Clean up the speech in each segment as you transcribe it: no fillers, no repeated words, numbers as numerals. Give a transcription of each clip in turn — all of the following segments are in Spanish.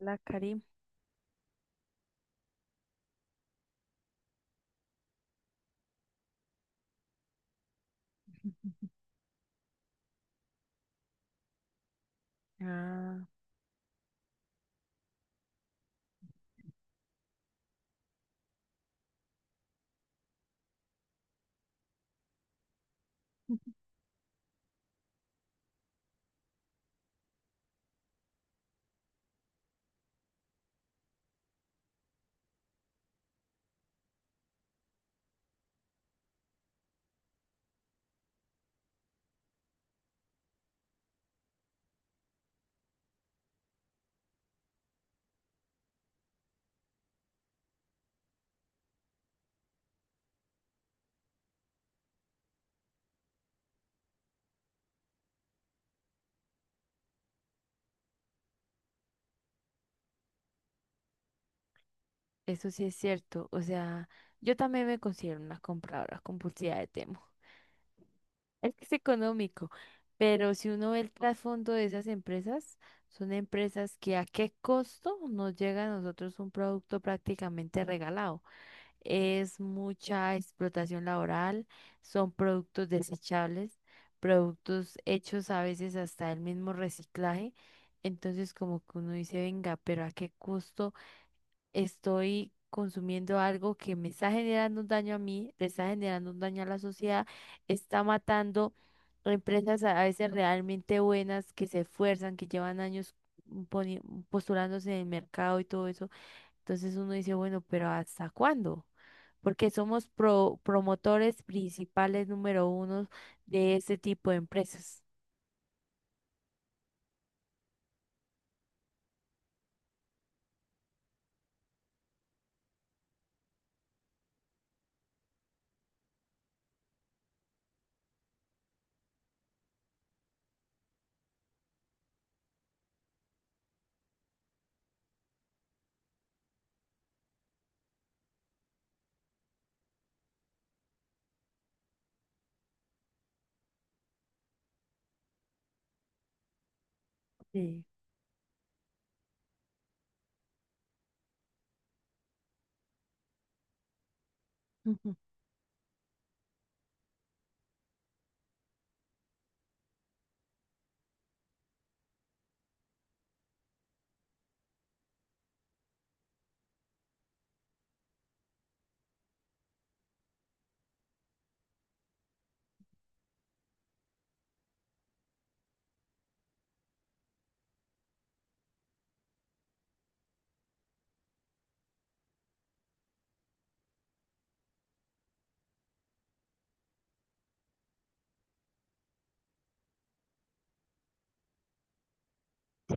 La Karim. Ah, eso sí es cierto. O sea, yo también me considero una compradora compulsiva de Temo. Es que es económico, pero si uno ve el trasfondo de esas empresas, son empresas que a qué costo nos llega a nosotros un producto prácticamente regalado. Es mucha explotación laboral, son productos desechables, productos hechos a veces hasta el mismo reciclaje. Entonces como que uno dice, venga, pero ¿a qué costo? Estoy consumiendo algo que me está generando un daño a mí, le está generando un daño a la sociedad, está matando empresas a veces realmente buenas que se esfuerzan, que llevan años poni- postulándose en el mercado y todo eso. Entonces uno dice, bueno, pero ¿hasta cuándo? Porque somos promotores principales número uno de este tipo de empresas. Sí, ujú,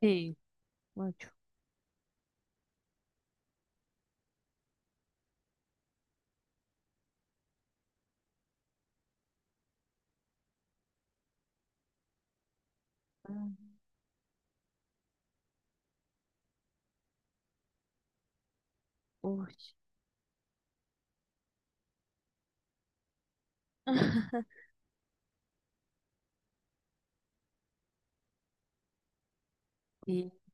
sí, mucho. Ah, uy. Sí, sí.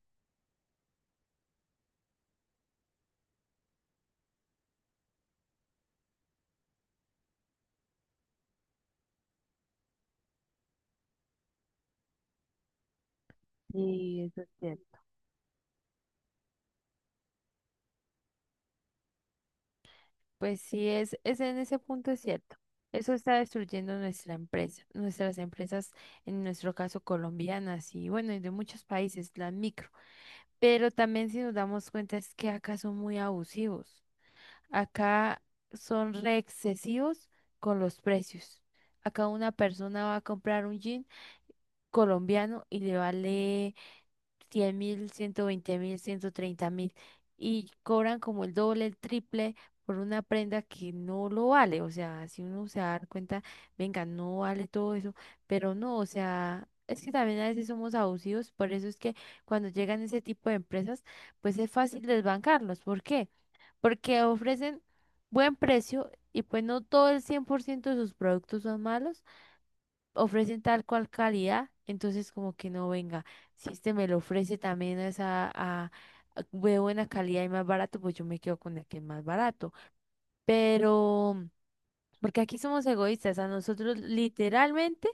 Sí, eso es cierto. Pues sí, es en ese punto es cierto. Eso está destruyendo nuestra empresa, nuestras empresas, en nuestro caso colombianas y bueno, y de muchos países, las micro. Pero también si nos damos cuenta es que acá son muy abusivos. Acá son re excesivos con los precios. Acá una persona va a comprar un jean colombiano y le vale 100.000, 120.000, 130.000 y cobran como el doble, el triple por una prenda que no lo vale. O sea, si uno se da cuenta, venga, no vale todo eso, pero no, o sea, es que también a veces somos abusivos, por eso es que cuando llegan ese tipo de empresas, pues es fácil desbancarlos. ¿Por qué? Porque ofrecen buen precio y pues no todo el 100% de sus productos son malos, ofrecen tal cual calidad, entonces como que no venga. Si este me lo ofrece también a esa de buena calidad y más barato, pues yo me quedo con el que es más barato. Pero, porque aquí somos egoístas, a nosotros literalmente,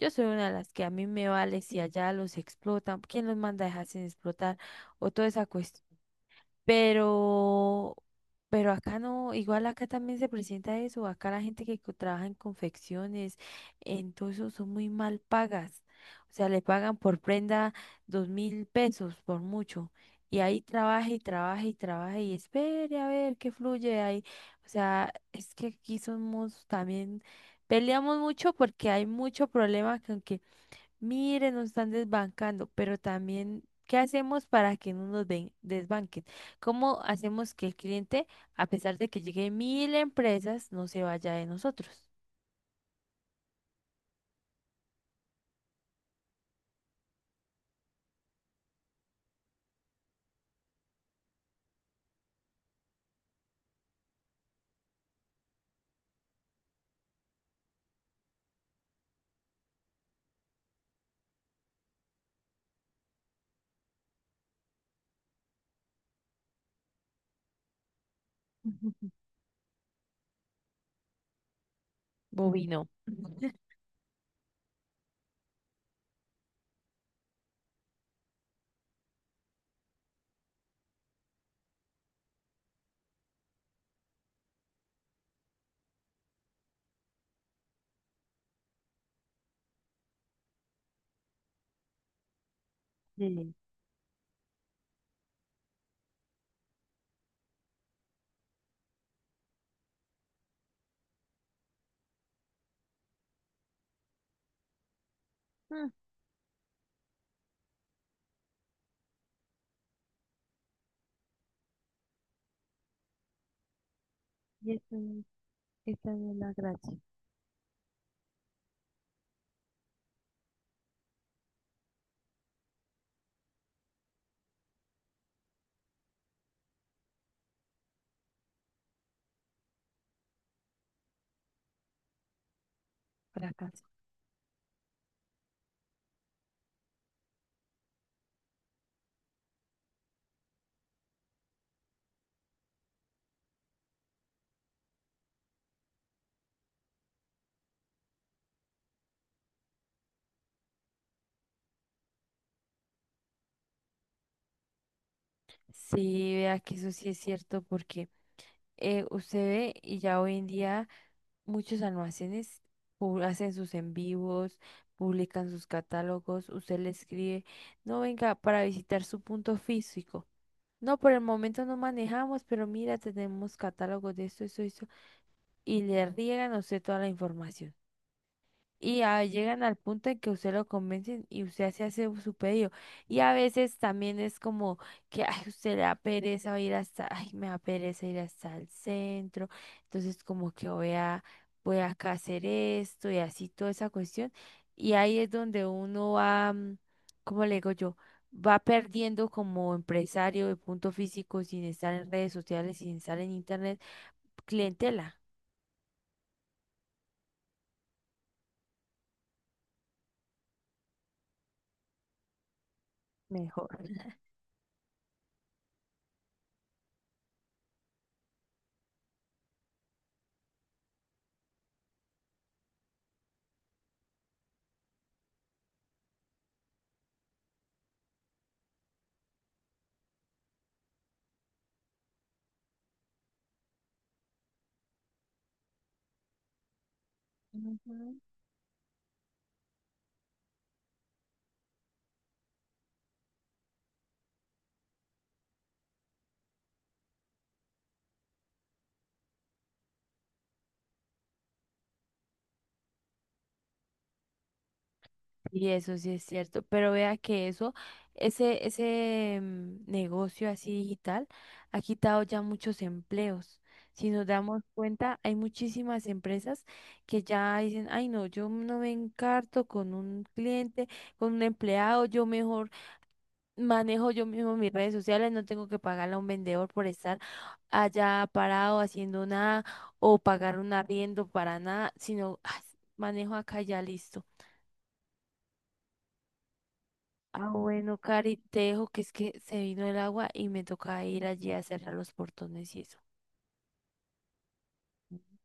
yo soy una de las que a mí me vale si allá los explotan, ¿quién los manda a dejarse explotar? O toda esa cuestión. Pero, pero acá no, igual acá también se presenta eso, acá la gente que trabaja en confecciones, en todo eso son muy mal pagas. O sea, le pagan por prenda 2.000 pesos por mucho. Y ahí trabaja y trabaja y trabaja y espere a ver qué fluye ahí. O sea, es que aquí somos también, peleamos mucho porque hay mucho problema con. Miren, nos están desbancando, pero también, ¿qué hacemos para que no nos desbanquen? ¿Cómo hacemos que el cliente, a pesar de que llegue mil empresas, no se vaya de nosotros? Bovino. Sí. Mm. Y esta es la gracia, fracaso. Sí, vea que eso sí es cierto porque usted ve y ya hoy en día... Muchos almacenes hacen sus en vivos, publican sus catálogos, usted le escribe, no venga para visitar su punto físico. No, por el momento no manejamos, pero mira, tenemos catálogos de esto, eso, y le riegan a usted toda la información. Y ah, llegan al punto en que usted lo convencen y usted se hace su pedido. Y a veces también es como que ay, usted le da pereza ir hasta, ay, me da pereza ir hasta el centro. Entonces como que voy acá a hacer esto y así toda esa cuestión. Y ahí es donde uno va, ¿cómo le digo yo? Va perdiendo como empresario de punto físico sin estar en redes sociales, sin estar en internet, clientela. Mejor. Ujú. Y eso sí es cierto, pero vea que eso, ese negocio así digital ha quitado ya muchos empleos. Si nos damos cuenta, hay muchísimas empresas que ya dicen, ay no, yo no me encarto con un cliente, con un empleado, yo mejor manejo yo mismo mis redes sociales, no tengo que pagarle a un vendedor por estar allá parado haciendo nada o pagar un arriendo para nada, sino "Ah, manejo acá y ya listo". Ah, bueno, Cari, te dejo que es que se vino el agua y me toca ir allí a cerrar los portones y eso.